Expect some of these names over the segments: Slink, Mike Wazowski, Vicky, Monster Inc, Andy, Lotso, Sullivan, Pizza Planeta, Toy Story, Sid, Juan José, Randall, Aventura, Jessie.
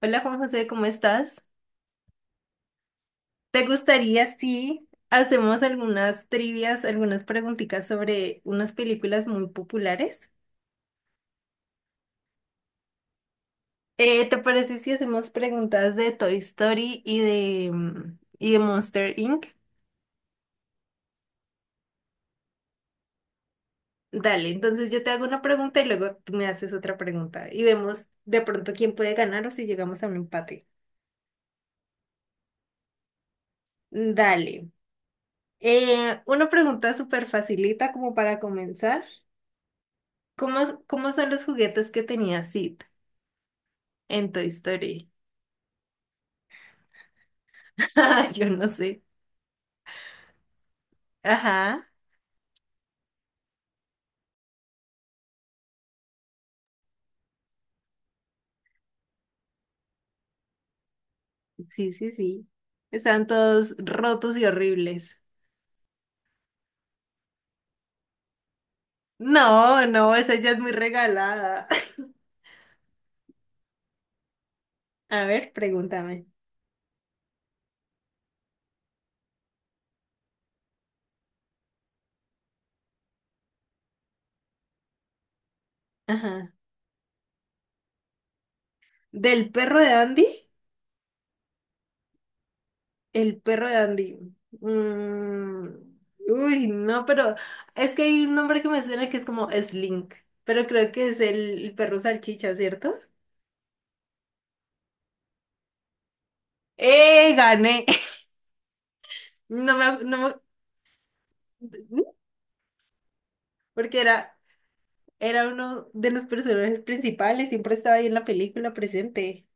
Hola Juan José, ¿cómo estás? ¿Te gustaría si hacemos algunas trivias, algunas preguntitas sobre unas películas muy populares? ¿Te parece si hacemos preguntas de Toy Story y de y de Monster Inc? Dale, entonces yo te hago una pregunta y luego tú me haces otra pregunta y vemos de pronto quién puede ganar o si llegamos a un empate. Dale. Una pregunta súper facilita como para comenzar. ¿Cómo son los juguetes que tenía Sid en Toy Story? Yo no sé. Ajá, sí, sí, sí. Están todos rotos y horribles. No, no, esa ya es muy regalada. A ver, pregúntame. Ajá. ¿Del perro de Andy? El perro de Andy. Mm, uy, no, pero es que hay un nombre que me suena que es como Slink, pero creo que es el perro salchicha, ¿cierto? ¡Eh, gané! No me, ac- no me- ¿Mm? Porque era, era uno de los personajes principales, siempre estaba ahí en la película presente.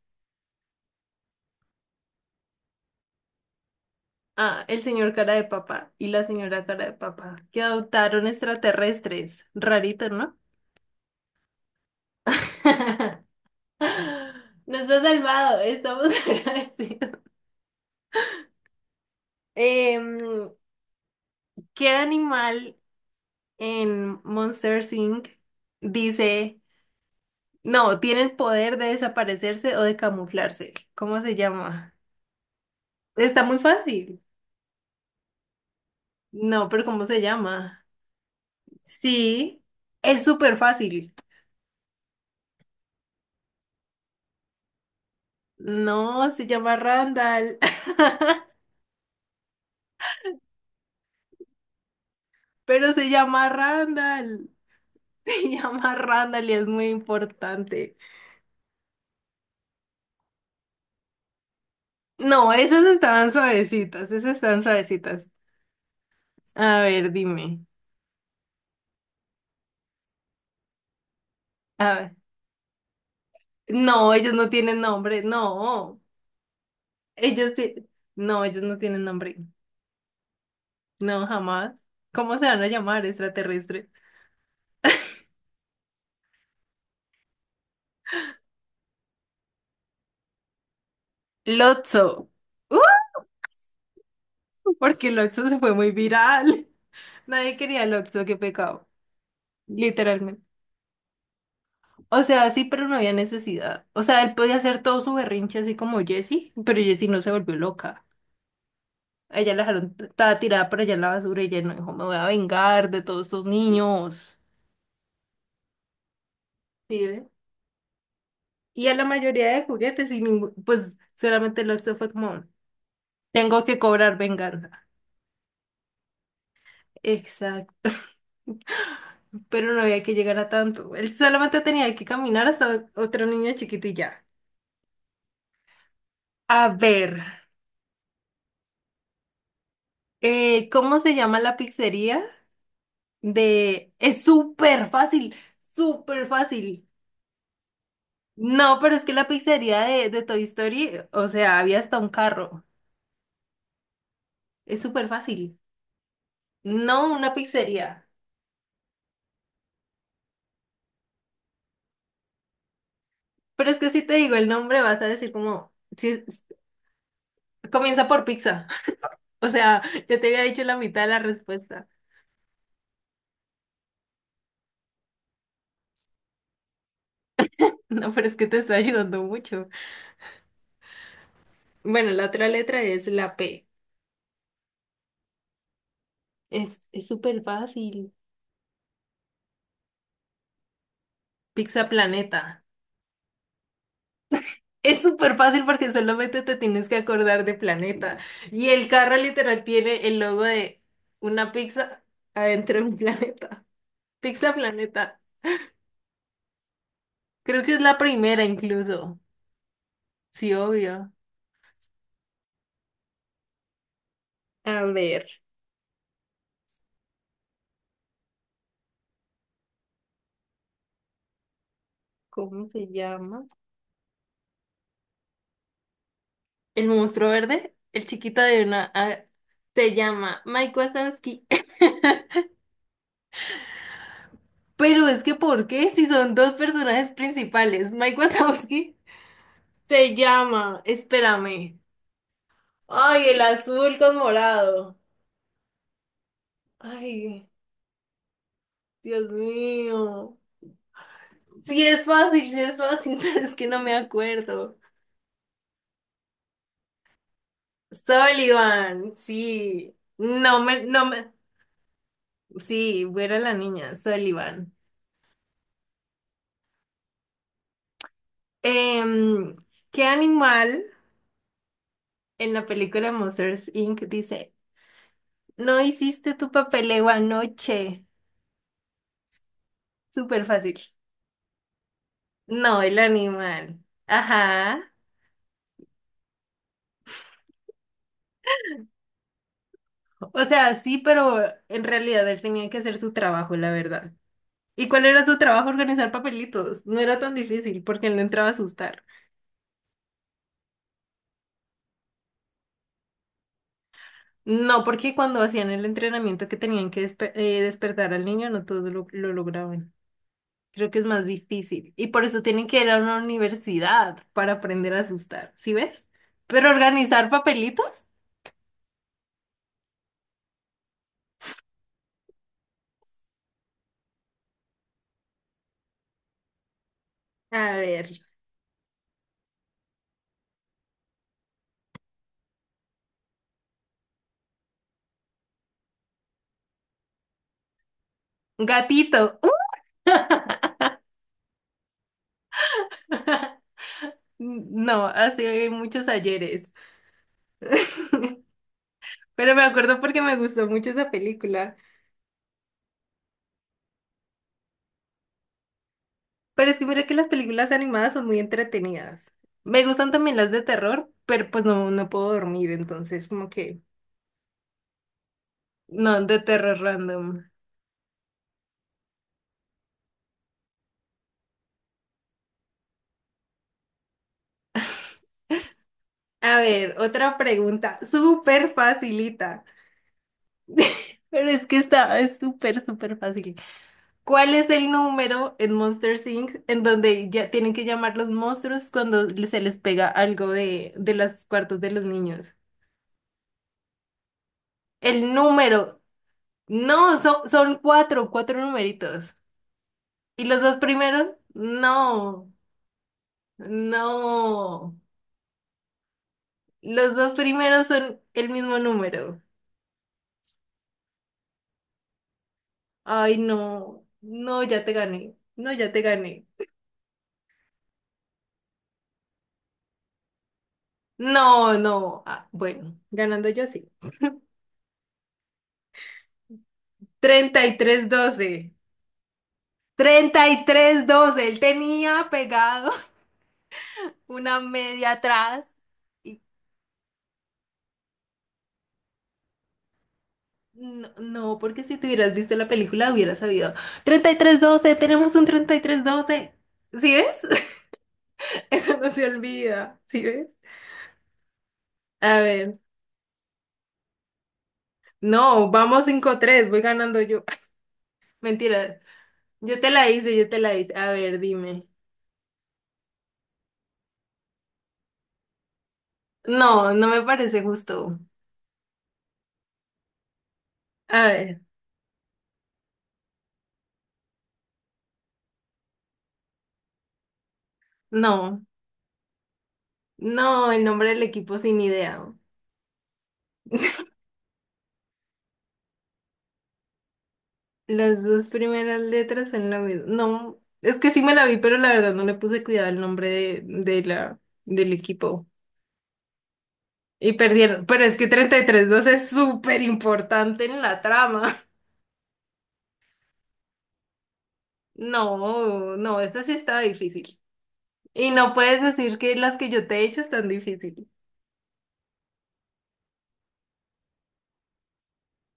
Ah, el señor cara de papa y la señora cara de papa, que adoptaron extraterrestres. Rarito, ¿no? Nos ha salvado, estamos agradecidos. Em, ¿Qué animal en Monster Inc. dice, no, tiene el poder de desaparecerse o de camuflarse? ¿Cómo se llama? Está muy fácil. No, pero ¿cómo se llama? Sí, es súper fácil. No, se llama Randall. Pero se llama Randall. Se llama Randall y es muy importante. No, esas estaban suavecitas, esas están suavecitas. A ver, dime. A ver. No, ellos no tienen nombre, no. Ellos ti- No, ellos no tienen nombre. No, jamás. ¿Cómo se van a llamar extraterrestres? Lotso. ¡Uh! Porque Lotso se fue muy viral. Nadie quería Lotso, qué pecado. Literalmente. O sea, sí, pero no había necesidad. O sea, él podía hacer todo su berrinche así como Jessie, pero Jessie no se volvió loca. A ella la dejaron, estaba tirada por allá en la basura y ella no dijo, me voy a vengar de todos estos niños. ¿Sí ve? Y a la mayoría de juguetes, y ningú- pues solamente lo hizo fue como, tengo que cobrar venganza. Exacto. Pero no había que llegar a tanto. Él solamente tenía que caminar hasta otro niño chiquito y ya. A ver, ¿cómo se llama la pizzería? De, es súper fácil, súper fácil. No, pero es que la pizzería de Toy Story, o sea, había hasta un carro. Es súper fácil. No, una pizzería. Pero es que si te digo el nombre, vas a decir como, si es- comienza por pizza. O sea, ya te había dicho la mitad de la respuesta. No, pero es que te estoy ayudando mucho. Bueno, la otra letra es la P. Es súper fácil. Pizza Planeta. Es súper fácil porque solamente te tienes que acordar de planeta. Y el carro literal tiene el logo de una pizza adentro de un planeta. Pizza Planeta. Creo que es la primera incluso. Sí, obvio. A ver, ¿cómo se llama? El monstruo verde, el chiquito de una... ah, se llama Mike Wazowski. Pero es que, ¿por qué? Si son dos personajes principales. Mike Wazowski se llama... Espérame. Ay, el azul con morado. Ay, Dios mío. Sí es fácil, pero es que no me acuerdo. Sullivan, sí. No me, no me. Sí, buena la niña, Sullivan. Em, ¿Qué animal en la película Monsters Inc. dice, no hiciste tu papeleo anoche? Súper fácil. No, el animal. Ajá. O sea, sí, pero en realidad él tenía que hacer su trabajo, la verdad. ¿Y cuál era su trabajo, organizar papelitos? No era tan difícil porque él no entraba a asustar. No, porque cuando hacían el entrenamiento que tenían que despertar al niño, no todos lo lograban. Creo que es más difícil. Y por eso tienen que ir a una universidad para aprender a asustar. ¿Sí ves? Pero organizar papelitos. A ver. Gatito. No, hace muchos ayeres. Pero me acuerdo porque me gustó mucho esa película. Pero es que mira que las películas animadas son muy entretenidas. Me gustan también las de terror, pero pues no puedo dormir, entonces como que no, de terror random. A ver, otra pregunta, súper facilita. Pero es que está, es súper, súper fácil. ¿Cuál es el número en Monster Inc. en donde ya tienen que llamar los monstruos cuando se les pega algo de los cuartos de los niños? El número. No, son, son cuatro, cuatro numeritos. Y los dos primeros, no, no. Los dos primeros son el mismo número. Ay, no, no, ya te gané. No, ya te gané. No, no. Ah, bueno, ganando yo sí. 33-12, 33-12. Él tenía pegado una media atrás. Y no, no, porque si te hubieras visto la película hubieras sabido. 33-12, tenemos un 33-12. ¿Sí ves? Eso no se olvida, ¿sí ves? A ver, no, vamos 5-3, voy ganando yo. Mentira, yo te la hice, yo te la hice. A ver, dime. No, no me parece justo. A ver, no, no, el nombre del equipo sin idea. Las dos primeras letras son lo mismo. No, es que sí me la vi, pero la verdad no le puse cuidado al nombre de la, del equipo. Y perdieron, pero es que 33-2 es súper importante en la trama. No, no, esta sí estaba difícil. Y no puedes decir que las que yo te he hecho están difíciles.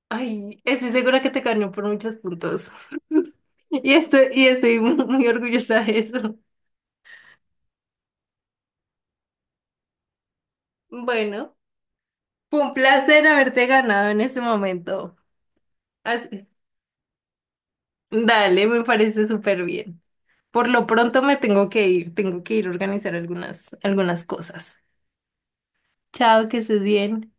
Ay, estoy segura que te ganó por muchos puntos. Y estoy muy orgullosa de eso. Bueno, fue un placer haberte ganado en este momento. Así- dale, me parece súper bien. Por lo pronto me tengo que ir a organizar algunas, algunas cosas. Chao, que estés bien.